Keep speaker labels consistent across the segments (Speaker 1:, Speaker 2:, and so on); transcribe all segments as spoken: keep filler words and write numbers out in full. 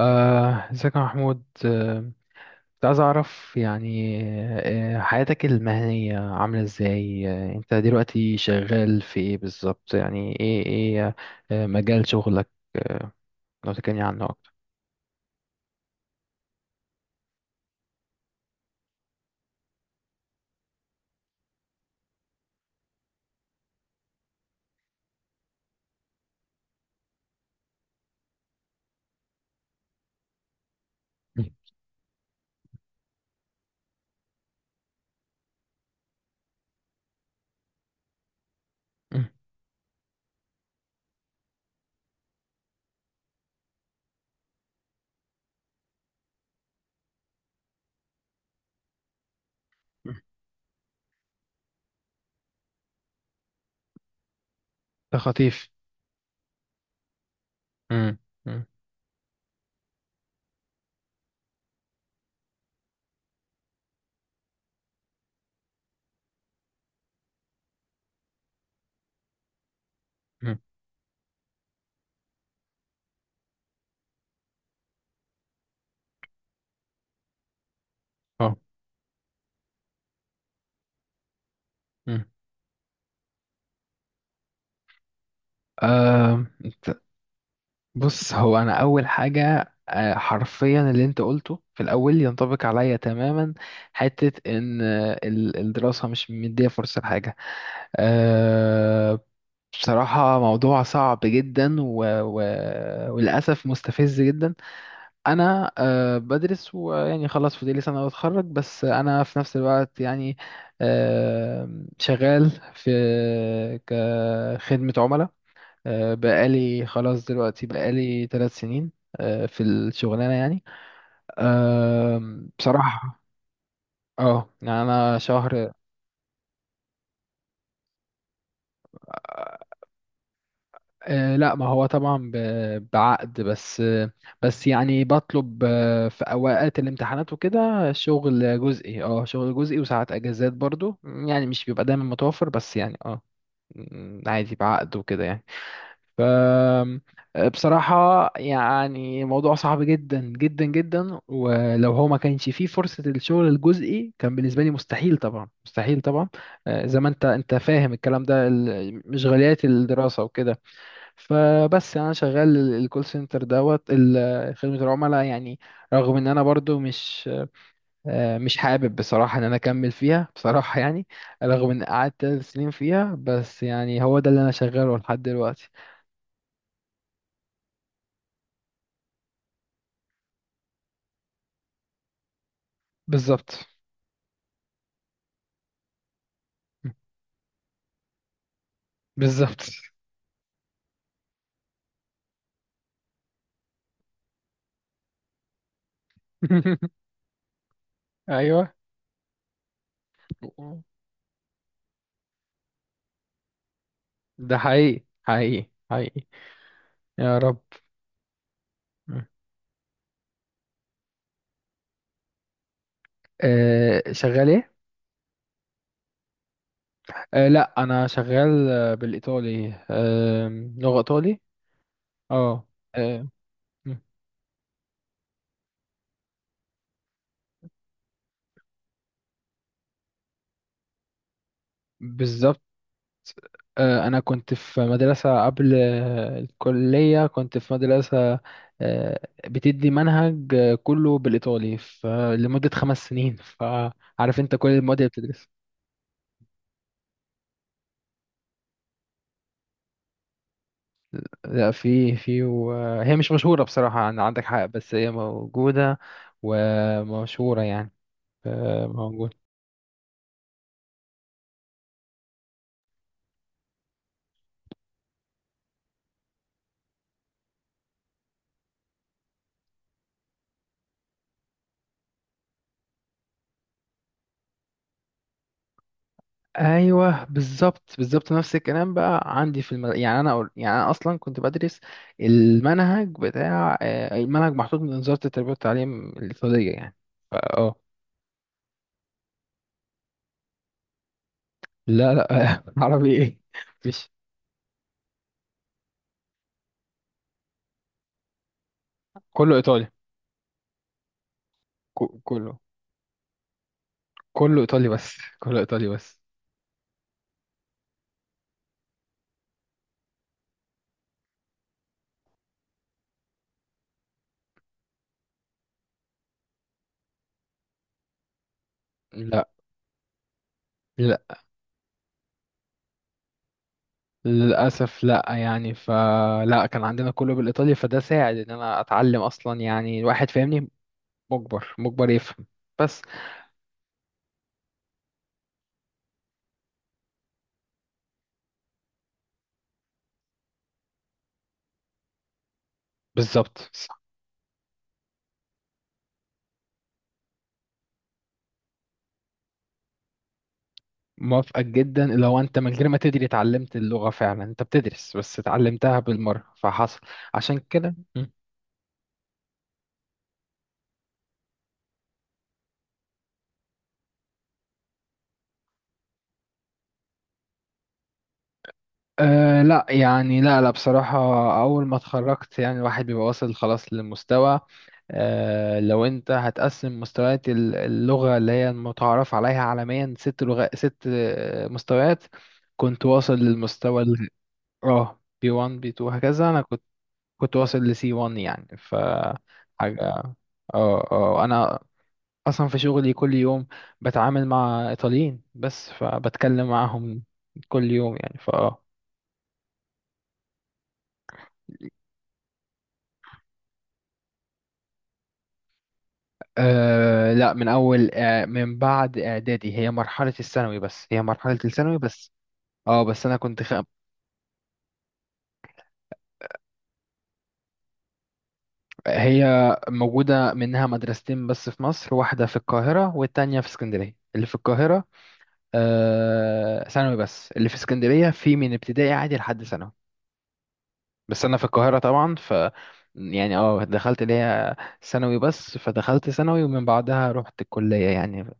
Speaker 1: آه، ازيك يا محمود، آه، كنت عايز اعرف يعني آه، حياتك المهنية عاملة ازاي؟ آه، انت دلوقتي شغال في ايه بالظبط؟ يعني ايه ايه آه، مجال شغلك. آه، لو تكلمني عنه اكتر. مم. مم. مم. ده خطيف. مم. مم. مم. اه. مم. آه، انت- بص، هو انا اول حاجة آه، حرفيا اللي انت قلته في الاول ينطبق عليا تماما. حتة ان آه، ال- الدراسة مش مدية فرصة لحاجة. أه، بصراحة موضوع صعب جدا، و... و... وللأسف مستفز جدا. أنا أه بدرس، ويعني خلاص فاضلي سنة وأتخرج، بس أنا في نفس الوقت يعني أه شغال في، كخدمة عملاء. أه بقالي خلاص دلوقتي، بقالي ثلاث سنين. أه في الشغلانة يعني. أه بصراحة، اه يعني أنا شهر. آه، لا، ما هو طبعا ب- بعقد بس، آه، بس يعني بطلب آه، في اوقات الامتحانات وكده شغل جزئي، اه شغل جزئي، وساعات اجازات برضو، يعني مش بيبقى دايما متوفر. بس يعني اه م، عادي بعقد وكده يعني. آه، بصراحة يعني موضوع صعب جدا جدا جدا، ولو هو ما كانش فيه فرصة الشغل الجزئي كان بالنسبة لي مستحيل طبعا، مستحيل طبعا. آه، زي ما انت انت فاهم الكلام ده، ال- مشغوليات الدراسة وكده. فبس يعني انا شغال ال- الكول سنتر دوت ال- خدمة العملاء يعني. رغم ان انا برضو مش آه، مش حابب بصراحة ان انا اكمل فيها. بصراحة يعني، رغم ان قعدت ثلاث سنين فيها، بس يعني هو ده اللي انا شغاله لحد دلوقتي. بالظبط، بالظبط. ايوه. ده حقيقي حقيقي حقيقي. يا رب. آه، شغال ايه؟ آه، لا، انا شغال آه، بالايطالي، آه، لغة ايطالي. اه. آه، بالظبط. آه، أنا كنت في مدرسة قبل آه، الكلية، كنت في مدرسة آه، بتدي منهج آه، كله بالإيطالي، ف- لمدة خمس سنين، فعارف أنت كل المواد اللي بتدرس. لا، في في، وهي مش مشهورة بصراحة، عن- عندك حق بس هي موجودة ومشهورة يعني. آه، موجودة. ايوه، بالظبط، بالظبط. نفس الكلام بقى عندي في المد... يعني انا أقول... يعني انا اصلا كنت بدرس المنهج بتاع آه، المنهج محطوط من وزاره التربيه والتعليم السعوديه يعني. فا اه لا، لا، عربي ايه؟ مفيش. كله ايطالي، ك- كله كله ايطالي بس، كله ايطالي بس. لا، لا، للاسف لا، يعني فلا كان عندنا كله بالايطالي، فده ساعد ان انا اتعلم اصلا، يعني الواحد فاهمني. مجبر مجبر يفهم. بس. بالظبط. موافقك جدا، لو انت من غير ما تدري اتعلمت اللغة، فعلا انت بتدرس بس اتعلمتها بالمرة فحصل. عشان كده. مم. أه، لا يعني، لا لا، بصراحة، أول ما اتخرجت يعني الواحد بيبقى واصل خلاص للمستوى. أه، لو أنت هتقسم مستويات ال- اللغة، اللي هي المتعارف عليها عالميا، ست لغات، ست آه، مستويات. كنت واصل للمستوى ال- اه بي وان، بي تو، هكذا. أنا كنت كنت واصل لسي وان يعني، ف حاجة. اه اه أنا اصلا في شغلي كل يوم بتعامل مع ايطاليين، بس فبتكلم معاهم كل يوم يعني. ف أه آه، لا، من اول آه من بعد اعدادي، هي مرحله الثانوي بس هي مرحله الثانوي بس. اه، بس انا كنت خ... هي موجوده منها مدرستين بس في مصر، واحده في القاهره والتانية في اسكندريه. اللي في القاهره آه ثانوي بس، اللي في اسكندريه في من ابتدائي عادي لحد ثانوي. بس انا في القاهره طبعا، ف يعني اه دخلت ليا ثانوي بس، فدخلت ثانوي ومن بعدها رحت الكليه يعني.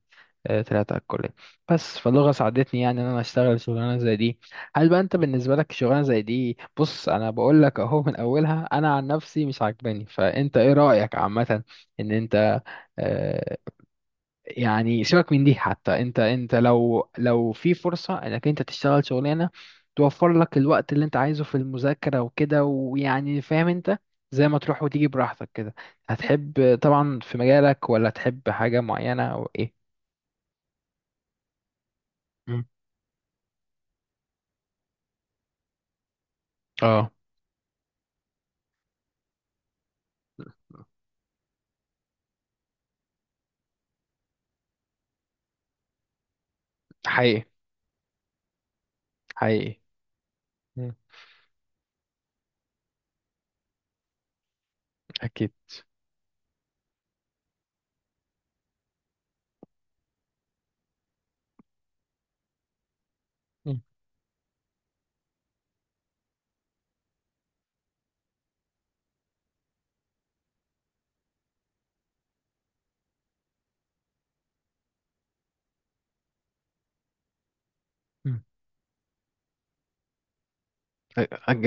Speaker 1: آه، طلعت على الكليه بس، فاللغه ساعدتني يعني ان انا اشتغل شغلانه زي دي. هل بقى انت بالنسبه لك شغلانه زي دي؟ بص، انا بقول لك اهو من اولها انا عن نفسي مش عاجباني، فانت ايه رايك عامه؟ ان انت آه، يعني سيبك من دي، حتى انت انت لو لو في فرصة انك انت تشتغل شغلانة توفر لك الوقت اللي انت عايزه في المذاكرة وكده، ويعني فاهم انت، زي ما تروح وتيجي براحتك كده، هتحب طبعا في مجالك ولا تحب حاجة معينة او ايه؟ مم. اه، حقيقي حقيقي. مم. اكيد. مم. مم. أج...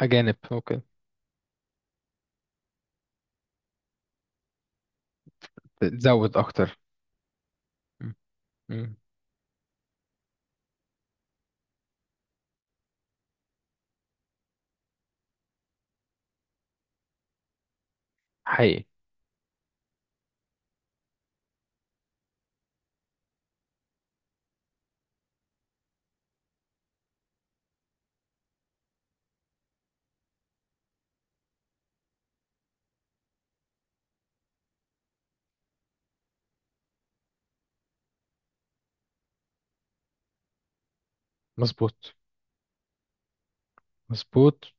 Speaker 1: اجانب ممكن تزود اكتر. م- م. حقيقي. مظبوط، مظبوط.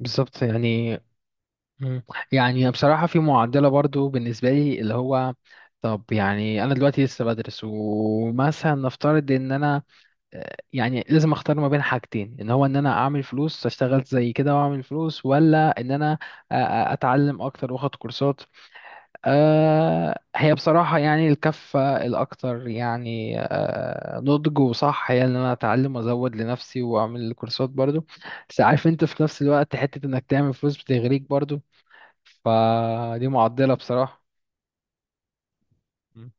Speaker 1: بالظبط يعني. مم. يعني بصراحة في معدلة برضو بالنسبة لي، اللي هو، طب يعني أنا دلوقتي لسه بدرس، ومثلا نفترض إن أنا آه، يعني لازم أختار ما بين حاجتين، إن هو إن أنا أعمل فلوس أشتغل زي كده وأعمل فلوس، ولا إن أنا آه، آه، أتعلم أكتر وأخد كورسات. آه، هي بصراحة يعني الكفة الأكتر يعني آه، نضج وصح، هي إن أنا أتعلم وأزود لنفسي وأعمل كورسات برضو. بس عارف انت، في نفس الوقت حتة انك تعمل فلوس بتغريك برضو، فدي معضلة بصراحة. مم.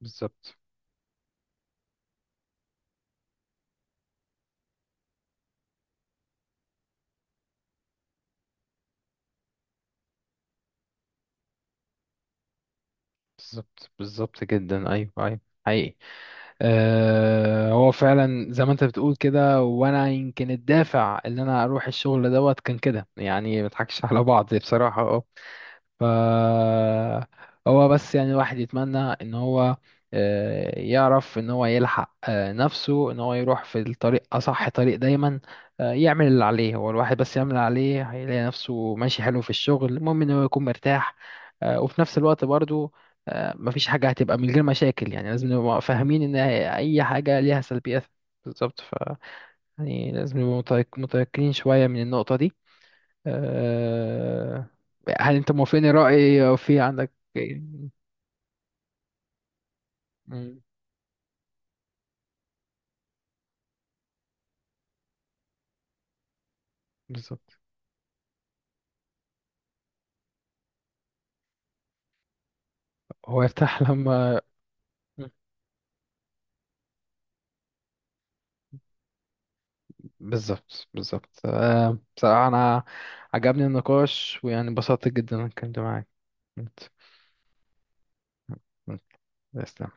Speaker 1: بالظبط، بالظبط، بالظبط جدا. أيوه، أيوه. حقيقي. أه، هو فعلا زي ما أنت بتقول كده، وأنا يمكن الدافع إن أنا أروح الشغل دوت كان كده، يعني ما نضحكش على بعض بصراحة. ف، هو بس يعني الواحد يتمنى ان هو آه، يعرف ان هو يلحق آه، نفسه، ان هو يروح في الطريق اصح طريق دايما، آه، يعمل اللي عليه. هو الواحد بس يعمل اللي عليه هيلاقي نفسه ماشي حلو في الشغل، المهم ان هو يكون مرتاح. آه، وفي نفس الوقت برضو آه، مفيش حاجة هتبقى من غير مشاكل، يعني لازم نبقى فاهمين ان اي حاجة ليها سلبيات. بالظبط. ف، يعني لازم نبقى متيق- متيقنين شوية من النقطة دي. آه، هل انت موافقني رأيي او في عندك؟ مم. بالظبط. هو يرتاح لما. مم. بالظبط، بالظبط. آه، بصراحة انا عجبني النقاش، ويعني انبسطت جدا إني اتكلمت معاك. انت، تسلم.